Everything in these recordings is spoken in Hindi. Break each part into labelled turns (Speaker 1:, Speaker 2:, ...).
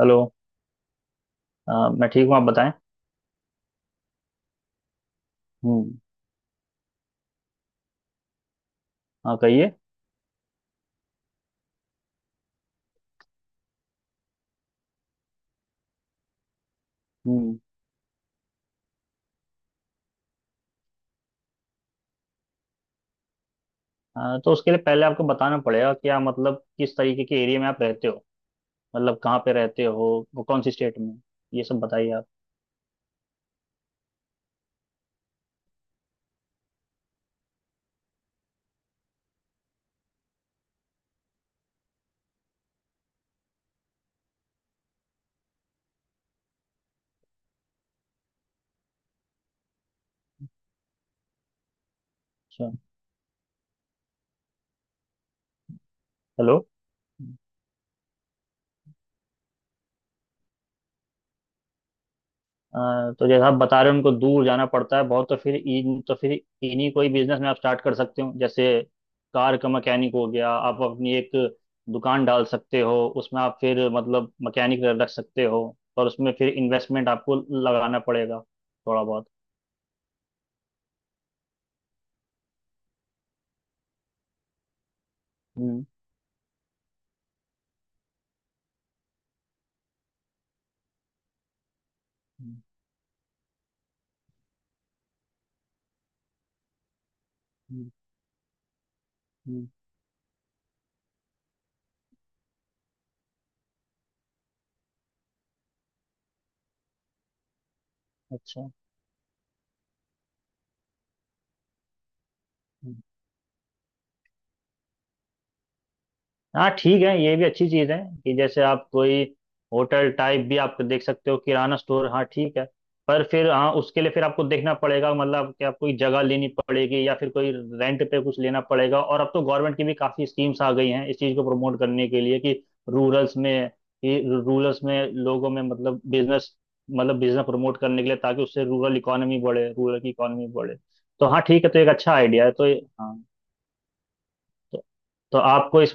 Speaker 1: हेलो। अ, मैं ठीक हूँ, आप बताएं। हम्म। हाँ, कहिए। हम्म। तो उसके लिए पहले आपको बताना पड़ेगा कि आप मतलब किस तरीके के एरिया में आप रहते हो, मतलब कहाँ पे रहते हो, वो कौन सी स्टेट में, ये सब बताइए आप। अच्छा। हेलो। तो जैसे आप बता रहे हो उनको दूर जाना पड़ता है बहुत, तो फिर इन्हीं कोई बिजनेस में आप स्टार्ट कर सकते हो, जैसे कार का मैकेनिक हो गया। आप अपनी एक दुकान डाल सकते हो, उसमें आप फिर मतलब मैकेनिक रख सकते हो। और उसमें फिर इन्वेस्टमेंट आपको लगाना पड़ेगा थोड़ा बहुत। हम्म। हम्म। हम्म। हम्म। अच्छा। हम्म। हाँ, ठीक है, ये भी अच्छी चीज़ है कि जैसे आप कोई होटल टाइप भी आप देख सकते हो, किराना स्टोर, हाँ ठीक है। पर फिर हाँ उसके लिए फिर आपको देखना पड़ेगा, मतलब कि आप कोई जगह लेनी पड़ेगी या फिर कोई रेंट पे कुछ लेना पड़ेगा। और अब तो गवर्नमेंट की भी काफ़ी स्कीम्स आ गई हैं इस चीज़ को प्रमोट करने के लिए कि रूरल्स में कि रूरल्स में लोगों में मतलब बिजनेस प्रमोट करने के लिए, ताकि उससे रूरल की इकोनॉमी बढ़े। तो हाँ ठीक है, तो एक अच्छा आइडिया है, तो हाँ। तो, तो, आपको इस,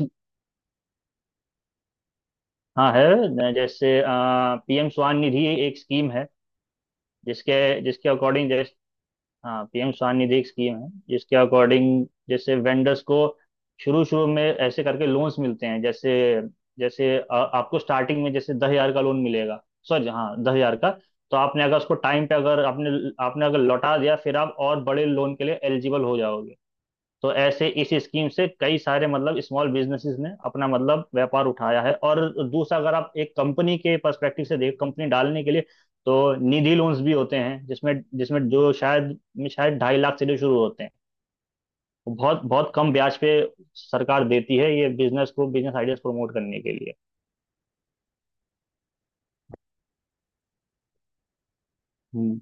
Speaker 1: हाँ है न, जैसे पीएम स्वान निधि एक स्कीम है, जिसके जिसके अकॉर्डिंग जैसे, हाँ पीएम स्वान निधि एक स्कीम है जिसके अकॉर्डिंग जैसे वेंडर्स को शुरू शुरू में ऐसे करके लोन्स मिलते हैं, जैसे जैसे आपको स्टार्टिंग में जैसे 10,000 का लोन मिलेगा। सॉरी हाँ, 10,000 का। तो आपने अगर उसको टाइम पे अगर आपने आपने अगर लौटा दिया, फिर आप और बड़े लोन के लिए एलिजिबल हो जाओगे। तो ऐसे इस स्कीम से कई सारे मतलब स्मॉल बिजनेसेस ने अपना मतलब व्यापार उठाया है। और दूसरा, अगर आप एक कंपनी के पर्सपेक्टिव से देख, कंपनी डालने के लिए, तो निधि लोन्स भी होते हैं, जिसमें जिसमें जो शायद शायद 2.5 लाख से जो शुरू होते हैं, वो बहुत बहुत कम ब्याज पे सरकार देती है, ये बिजनेस को बिजनेस आइडियाज प्रमोट करने के लिए। हम्म।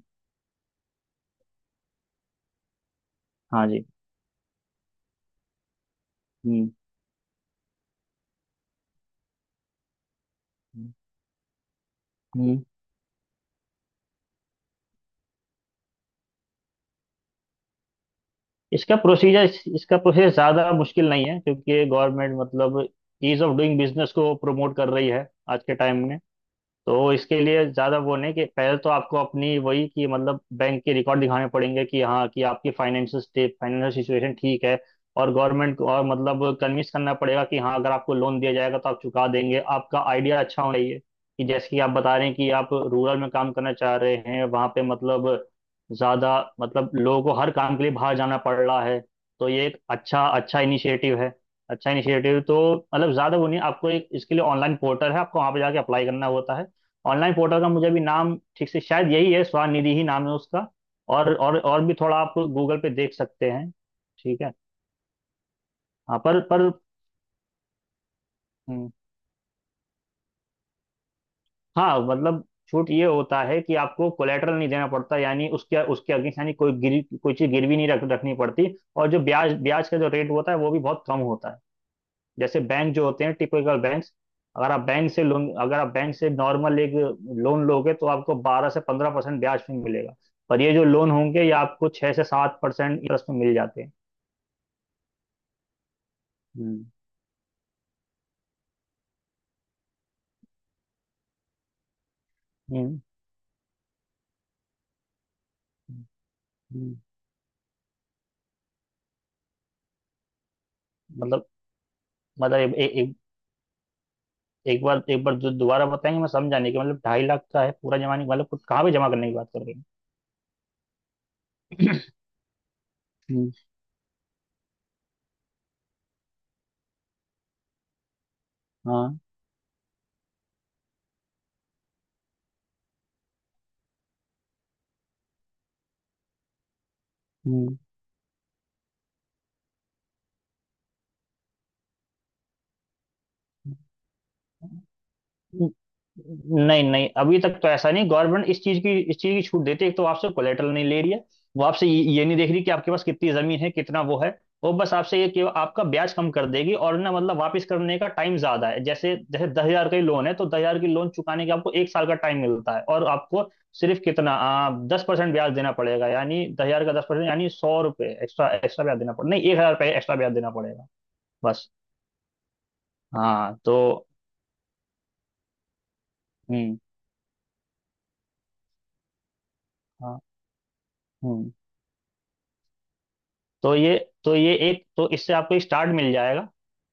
Speaker 1: हाँ जी। हम्म। हम्म। हम्म। इसका प्रोसीजर इसका प्रोसेस ज़्यादा मुश्किल नहीं है, क्योंकि गवर्नमेंट मतलब ईज ऑफ डूइंग बिजनेस को प्रमोट कर रही है आज के टाइम में। तो इसके लिए ज़्यादा वो नहीं, कि पहले तो आपको अपनी वही कि मतलब बैंक के रिकॉर्ड दिखाने पड़ेंगे कि हाँ कि आपकी फाइनेंशियल सिचुएशन ठीक है। और गवर्नमेंट को और मतलब कन्विंस करना पड़ेगा कि हाँ अगर आपको लोन दिया जाएगा तो आप चुका देंगे, आपका आइडिया अच्छा होना चाहिए। कि जैसे कि आप बता रहे हैं कि आप रूरल में काम करना चाह रहे हैं, वहाँ पे मतलब ज़्यादा मतलब लोगों को हर काम के लिए बाहर जाना पड़ रहा है, तो ये एक अच्छा अच्छा इनिशिएटिव है। अच्छा इनिशिएटिव, तो मतलब ज़्यादा वो नहीं, आपको एक इसके लिए ऑनलाइन पोर्टल है, आपको वहाँ पे जाके अप्लाई करना होता है। ऑनलाइन पोर्टल का मुझे अभी नाम ठीक से, शायद यही है, स्वनिधि ही नाम है उसका। और भी थोड़ा आप गूगल पे देख सकते हैं, ठीक है। हाँ पर। हम्म। हाँ मतलब छूट ये होता है कि आपको कोलेटरल नहीं देना पड़ता, यानी उसके उसके अगेंस्ट, यानी कोई गिरी कोई चीज़ गिरवी नहीं रख रखनी पड़ती। और जो ब्याज ब्याज का जो रेट होता है वो भी बहुत कम होता है। जैसे बैंक जो होते हैं टिपिकल बैंक्स, अगर आप बैंक से लोन अगर आप बैंक से नॉर्मल एक लोन लोगे, तो आपको 12 से 15% ब्याज पे मिलेगा। पर ये जो लोन होंगे ये आपको 6 से 7% इंटरेस्ट में मिल जाते हैं। हम्म। हम्म। हम्म। मतलब मतलब ए, ए, एक एक बार दो- दोबारा बताएंगे, मैं समझा नहीं कि मतलब 2.5 लाख का है, पूरा जमा नहीं मतलब कुछ कहाँ पे जमा करने की बात कर रहे हैं। हम्म। हाँ। हम्म। न- नहीं, नहीं, अभी तक तो ऐसा नहीं। गवर्नमेंट इस चीज की छूट देती है, एक तो आपसे कोलेटरल नहीं ले रही है। वो आपसे ये नहीं देख रही कि आपके पास कितनी जमीन है, कितना वो है। वो बस आपसे ये कि आपका ब्याज कम कर देगी, और ना मतलब वापस करने का टाइम ज्यादा है। जैसे जैसे 10,000 का ही लोन है तो 10,000 की लोन चुकाने के आपको एक साल का टाइम मिलता है, और आपको सिर्फ कितना, 10% ब्याज देना पड़ेगा, यानी 10,000 का 10% यानी 100 रुपये एक्स्ट्रा एक्स्ट्रा ब्याज देना पड़ेगा, नहीं 1,000 रुपये एक्स्ट्रा ब्याज देना पड़ेगा। बस। हाँ तो। हम्म। हाँ। हम्म। तो ये तो ये एक तो इससे आपको स्टार्ट मिल जाएगा।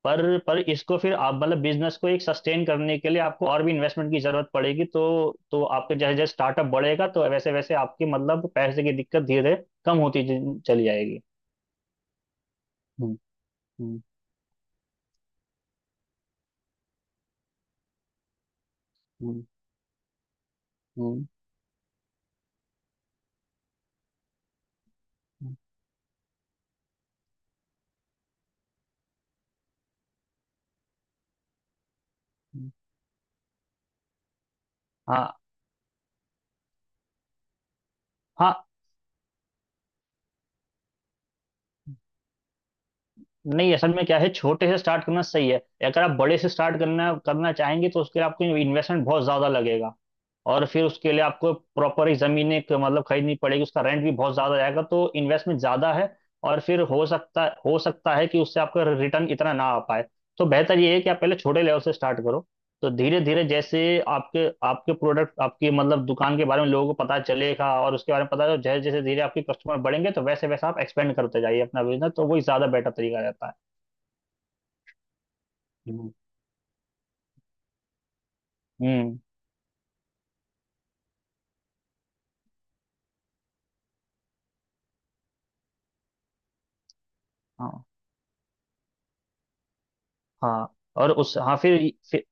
Speaker 1: पर इसको फिर आप मतलब बिजनेस को एक सस्टेन करने के लिए आपको और भी इन्वेस्टमेंट की जरूरत पड़ेगी तो। तो आपके जैसे जैसे स्टार्टअप बढ़ेगा तो वैसे वैसे आपकी मतलब पैसे की दिक्कत धीरे धीरे कम होती चली जाएगी। हम्म। हम्म। हम्म। हम्म। हम्म। हम्म। हाँ। हाँ। नहीं असल में क्या है, छोटे से स्टार्ट करना सही है। अगर आप बड़े से स्टार्ट करना करना चाहेंगे तो उसके लिए आपको इन्वेस्टमेंट बहुत ज्यादा लगेगा। और फिर उसके लिए आपको प्रॉपर ही ज़मीन एक मतलब खरीदनी पड़ेगी, उसका रेंट भी बहुत ज़्यादा जाएगा, तो इन्वेस्टमेंट ज़्यादा है। और फिर हो सकता है कि उससे आपका रिटर्न इतना ना आ पाए। तो बेहतर ये है कि आप पहले छोटे लेवल से स्टार्ट करो। तो धीरे धीरे जैसे आपके आपके प्रोडक्ट आपकी मतलब दुकान के बारे में लोगों को पता चलेगा, और उसके बारे में पता चले जैसे जैसे धीरे आपके कस्टमर बढ़ेंगे तो वैसे वैसे आप एक्सपेंड करते जाइए अपना बिजनेस, तो वही ज़्यादा बेटर तरीका रहता है। हम्म। हम्म। हाँ। हाँ और उस हाँ फिर।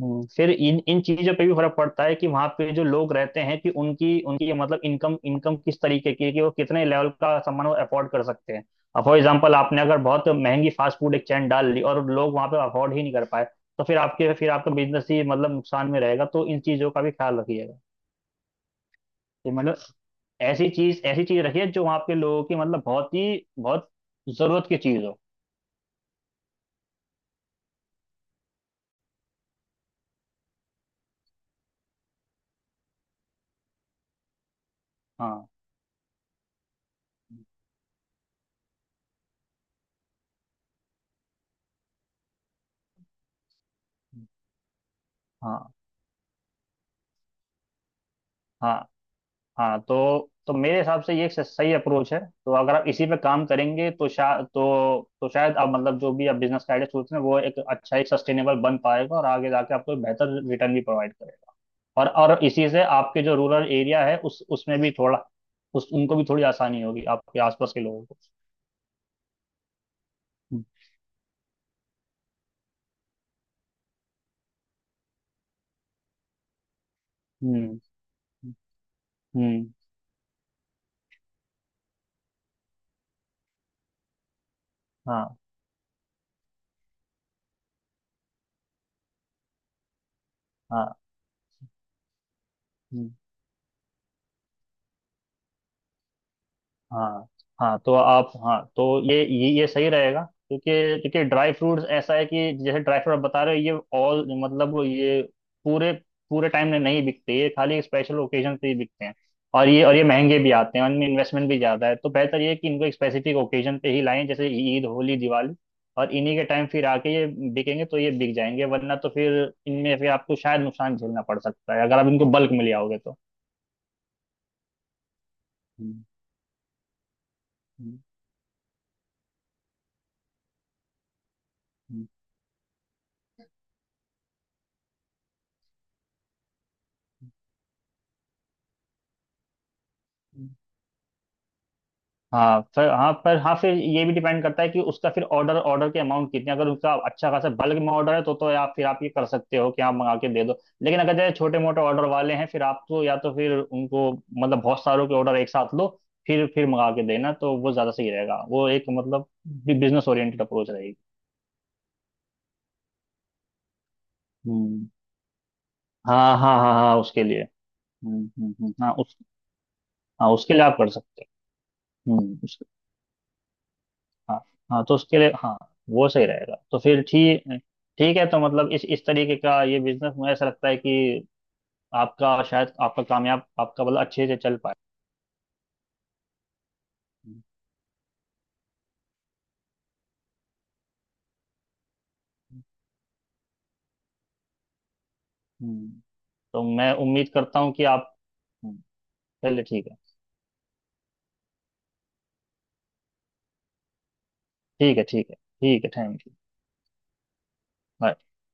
Speaker 1: हम्म। फिर इन इन चीजों पे भी फर्क पड़ता है कि वहां पे जो लोग रहते हैं कि उनकी उनकी मतलब इनकम इनकम किस तरीके की है, कि वो कितने लेवल का सामान वो अफोर्ड कर सकते हैं। अब फॉर एग्जांपल आपने अगर बहुत महंगी फास्ट फूड एक चैन डाल ली और लोग वहां पे अफोर्ड ही नहीं कर पाए, तो फिर आपका बिजनेस ही मतलब नुकसान में रहेगा, तो इन चीजों का भी ख्याल रखिएगा, कि मतलब ऐसी चीज रखिए जो वहाँ पे लोगों की मतलब बहुत जरूरत की चीज हो। हाँ। हम्म। हाँ। हाँ। हाँ, तो मेरे हिसाब से ये एक सही अप्रोच है। तो अगर आप इसी पे काम करेंगे तो शायद आप मतलब जो भी आप बिजनेस का आइडिया सोच रहे हैं वो एक अच्छा एक सस्टेनेबल बन पाएगा, और आगे जाके आपको एक बेहतर रिटर्न भी प्रोवाइड करेगा। और और इसी से आपके जो रूरल एरिया है उस उसमें भी थोड़ा उस उनको भी थोड़ी आसानी होगी आपके आसपास के लोगों को। हम्म। हम्म। हम्म। हम्म। हाँ। हाँ। हम्म। हाँ। हाँ तो आप हाँ तो ये सही रहेगा। क्योंकि क्योंकि ड्राई फ्रूट्स ऐसा है कि जैसे ड्राई फ्रूट आप बता रहे हो, ये ऑल मतलब वो ये पूरे पूरे टाइम में नहीं बिकते, ये खाली स्पेशल ओकेजन पे ही बिकते हैं। और ये महंगे भी आते हैं और इनमें इन्वेस्टमेंट भी ज़्यादा है, तो बेहतर ये है कि इनको एक स्पेसिफिक ओकेजन पे ही लाएं, जैसे ईद, होली, दिवाली। और इन्हीं के टाइम फिर आके ये बिकेंगे तो ये बिक जाएंगे, वरना तो फिर इनमें फिर आपको शायद नुकसान झेलना पड़ सकता है अगर आप इनको बल्क में ले आओगे तो। हम्म। हम्म। हम्म। हम्म। हाँ फिर हाँ पर हाँ फिर ये भी डिपेंड करता है कि उसका फिर ऑर्डर ऑर्डर के अमाउंट कितने, अगर उसका अच्छा खासा बल्क में ऑर्डर है, तो आप ये कर सकते हो कि आप मंगा के दे दो। लेकिन अगर जैसे छोटे मोटे ऑर्डर वाले हैं फिर आप तो या तो फिर उनको मतलब बहुत सारों के ऑर्डर एक साथ लो। फिर मंगा के देना तो वो ज़्यादा सही रहेगा, वो एक मतलब बिजनेस ओरिएंटेड अप्रोच रहेगी। हम्म। हाँ। हाँ। हाँ। हाँ उसके लिए। हम्म। हम्म। हम्म। हाँ उस। हाँ उसके लिए आप कर सकते हो। हम्म। हाँ। हाँ तो उसके लिए हाँ वो सही रहेगा, तो फिर ठीक, ठीक है। तो मतलब इस तरीके का ये बिजनेस मुझे ऐसा लगता है कि आपका शायद आपका कामयाब आपका मतलब अच्छे से चल पाए। हम्म। हम्म। तो मैं उम्मीद करता हूँ कि आप। हम्म। चलिए ठीक है। ठीक है। ठीक है। ठीक है। Thank you.